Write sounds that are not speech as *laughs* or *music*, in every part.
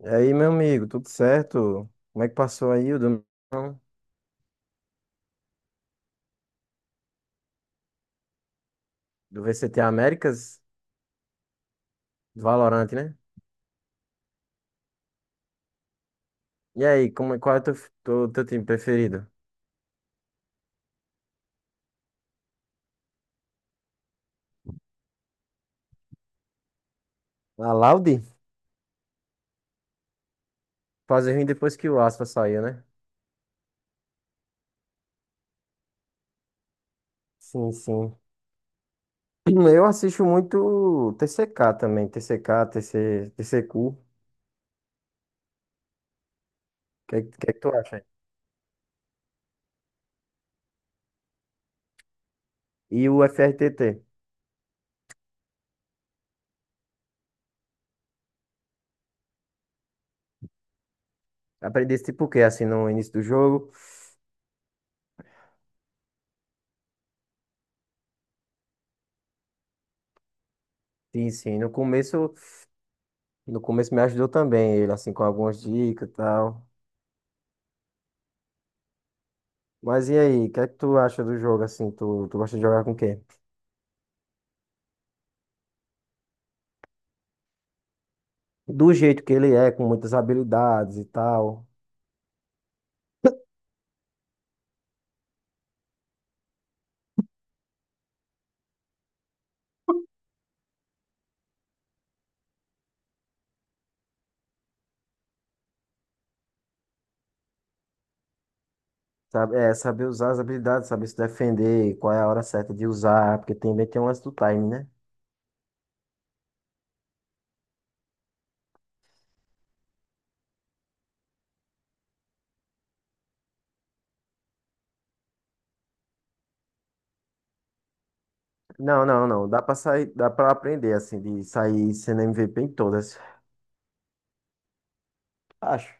E aí, meu amigo, tudo certo? Como é que passou aí o domingão do VCT Américas? Do Valorant, né? E aí, como, é, qual é o teu, teu time preferido? A Laude? Fazer ruim depois que o Aspa saiu, né? Sim, sim. *clears throat* Eu assisto muito TCK também, TCK, TC, TCQ. O que é que tu acha aí? E o FRTT. Aprendi esse tipo o quê? Assim, no início do jogo? Sim, sim. No começo, no começo me ajudou também ele, assim, com algumas dicas e tal. Mas e aí, o que é que tu acha do jogo assim? Tu gosta de jogar com quem? Do jeito que ele é, com muitas habilidades e tal. Sabe, é, saber usar as habilidades, saber se defender, qual é a hora certa de usar, porque também tem um lance do time, né? Não. Dá pra sair, dá pra aprender, assim, de sair sendo MVP em todas. Acho. Um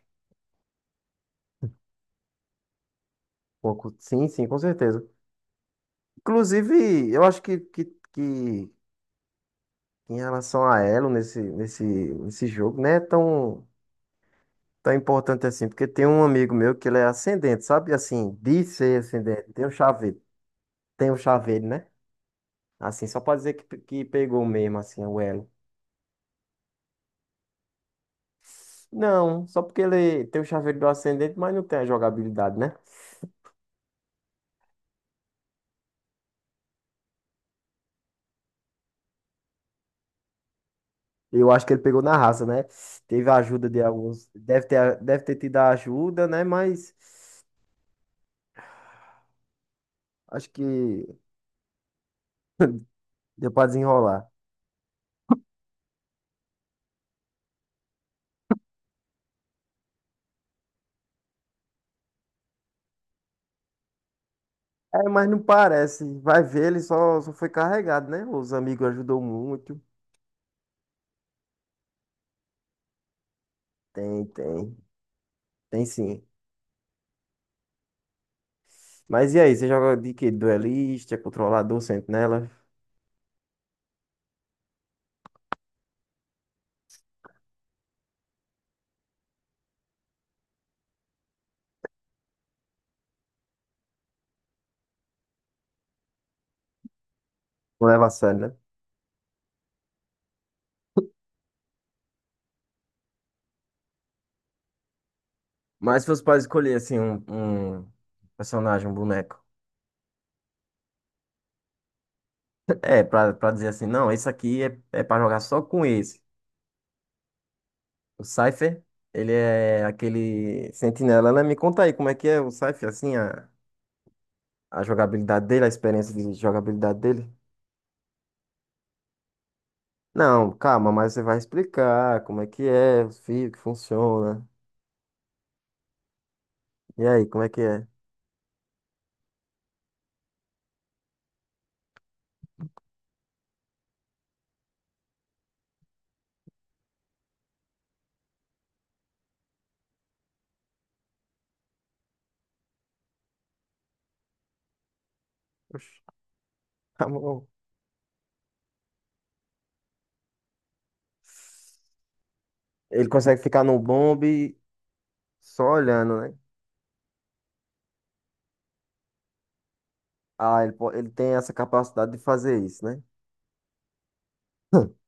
pouco. Sim, sim, com certeza. Inclusive, eu acho que em relação a Elo nesse jogo, né? Tão tão importante assim, porque tem um amigo meu que ele é ascendente, sabe? Assim, de ser ascendente, tem um chaveiro, né? Assim, só pra dizer que, que pegou mesmo, assim, o elo. Não, só porque ele tem o chaveiro do ascendente, mas não tem a jogabilidade, né? Eu acho que ele pegou na raça, né? Teve a ajuda de alguns, deve ter, deve ter tido a ajuda, né? Mas acho que deu pra desenrolar. É, mas não parece. Vai ver, ele só, só foi carregado, né? Os amigos ajudou muito. Tem, tem sim. Mas e aí, você joga de quê? Duelista, controlador, sentinela? Não leva a sério, né? Mas se fosse pra escolher, assim, um personagem, um boneco. É, pra dizer assim, não, esse aqui é, é pra jogar só com esse. O Cypher, ele é aquele sentinela, né? Me conta aí como é que é o Cypher, assim, a jogabilidade dele, a experiência de jogabilidade dele. Não, calma, mas você vai explicar como é que é, os fios que funciona. E aí, como é que é? Oxe, *laughs* tá bom. Ele consegue ficar no bombe só olhando, né? Ah, ele, ele tem essa capacidade de fazer isso, né? *laughs*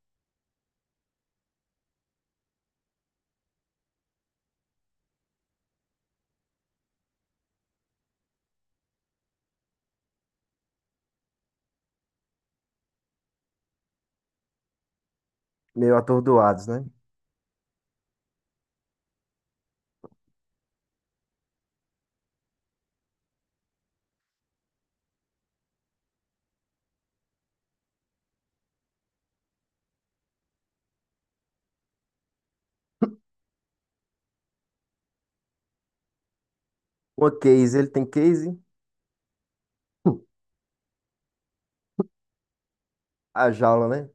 Meio atordoados, né? Uma case, ele tem case? *laughs* A jaula, né?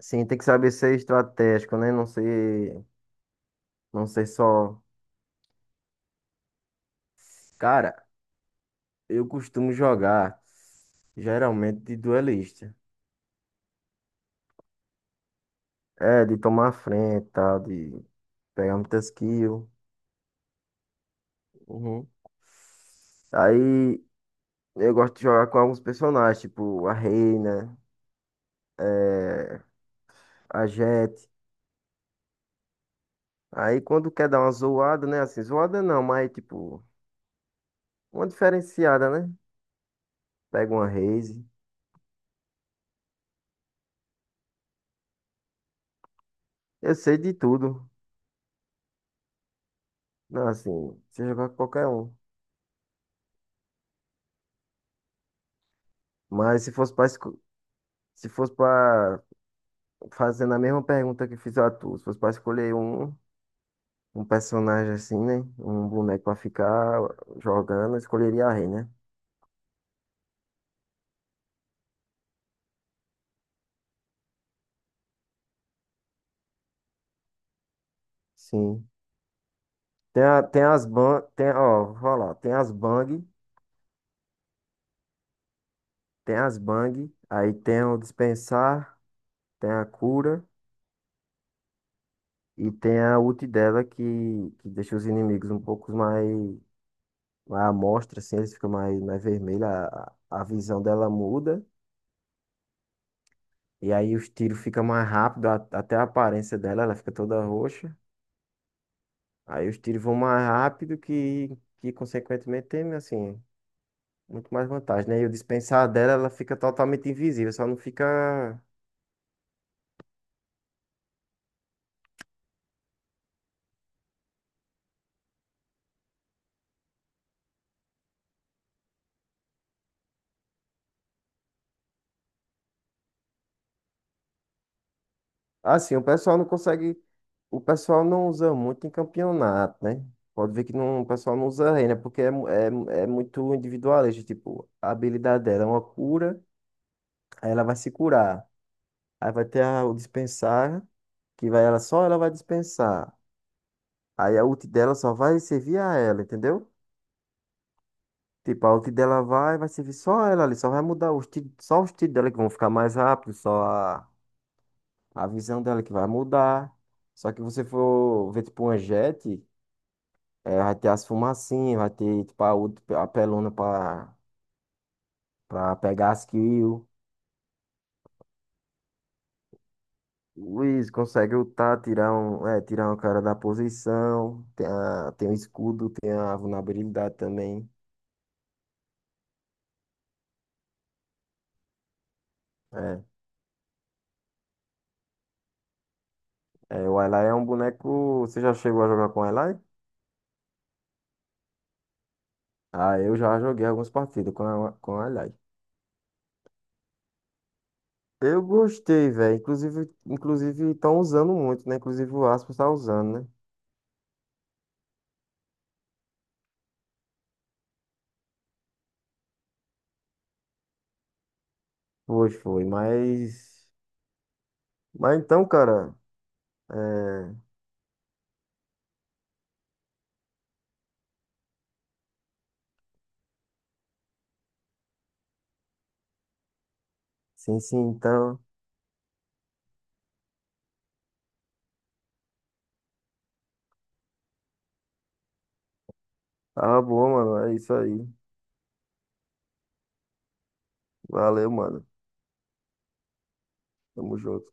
Sim, tem que saber ser estratégico, né? Não ser, não ser só. Cara, eu costumo jogar geralmente de duelista. É, de tomar a frente, tá? De pegar muitas kills. Uhum. Aí eu gosto de jogar com alguns personagens, tipo a Reina, a gente. Aí quando quer dar uma zoada, né? Assim, zoada não, mas tipo, uma diferenciada, né? Pega uma raise. Eu sei de tudo. Não, assim, se jogar com qualquer um. Mas se fosse se fosse pra fazendo a mesma pergunta que fiz a tu, se fosse pra escolher um, um personagem assim, né? Um boneco pra ficar jogando, eu escolheria a rei, né? Sim. Tem, a, tem as ban, tem, ó, vou falar, tem as bang, aí tem o dispensar, tem a cura. E tem a ult dela que deixa os inimigos um pouco mais, mais à mostra, assim, eles ficam mais, mais vermelhos, a visão dela muda, e aí os tiros ficam mais rápido, até a aparência dela, ela fica toda roxa. Aí os tiros vão mais rápido que consequentemente, tem, assim, muito mais vantagem, né? E o dispensar dela, ela fica totalmente invisível, só não fica. Assim, o pessoal não consegue. O pessoal não usa muito em campeonato, né? Pode ver que não, o pessoal não usa renda, porque é, é, é muito individualista. Tipo, a habilidade dela é uma cura, aí ela vai se curar. Aí vai ter o dispensar, que vai ela só ela vai dispensar. Aí a ult dela só vai servir a ela, entendeu? Tipo, a ult dela vai, vai servir só ela ali, só vai mudar os tiros, só os tiros dela que vão ficar mais rápidos, só a visão dela que vai mudar. Só que você for ver, tipo, uma jet. É, vai ter as fumacinhas, vai ter tipo, a, a pelona pra, pra pegar as kills. O Luiz consegue ultar, tirar um, é, tirar um cara da posição. Tem, a, tem o escudo, tem a vulnerabilidade também. É, é, o Ally é um boneco. Você já chegou a jogar com o Ally? Ah, eu já joguei algumas partidas com, a, com o Ally. Eu gostei, velho. Inclusive, inclusive estão usando muito, né? Inclusive o Aspas tá usando, né? Foi, foi. Mas. Mas então, cara. Sim, sim, então. Tá bom, mano. É isso aí. Valeu, mano. Tamo junto.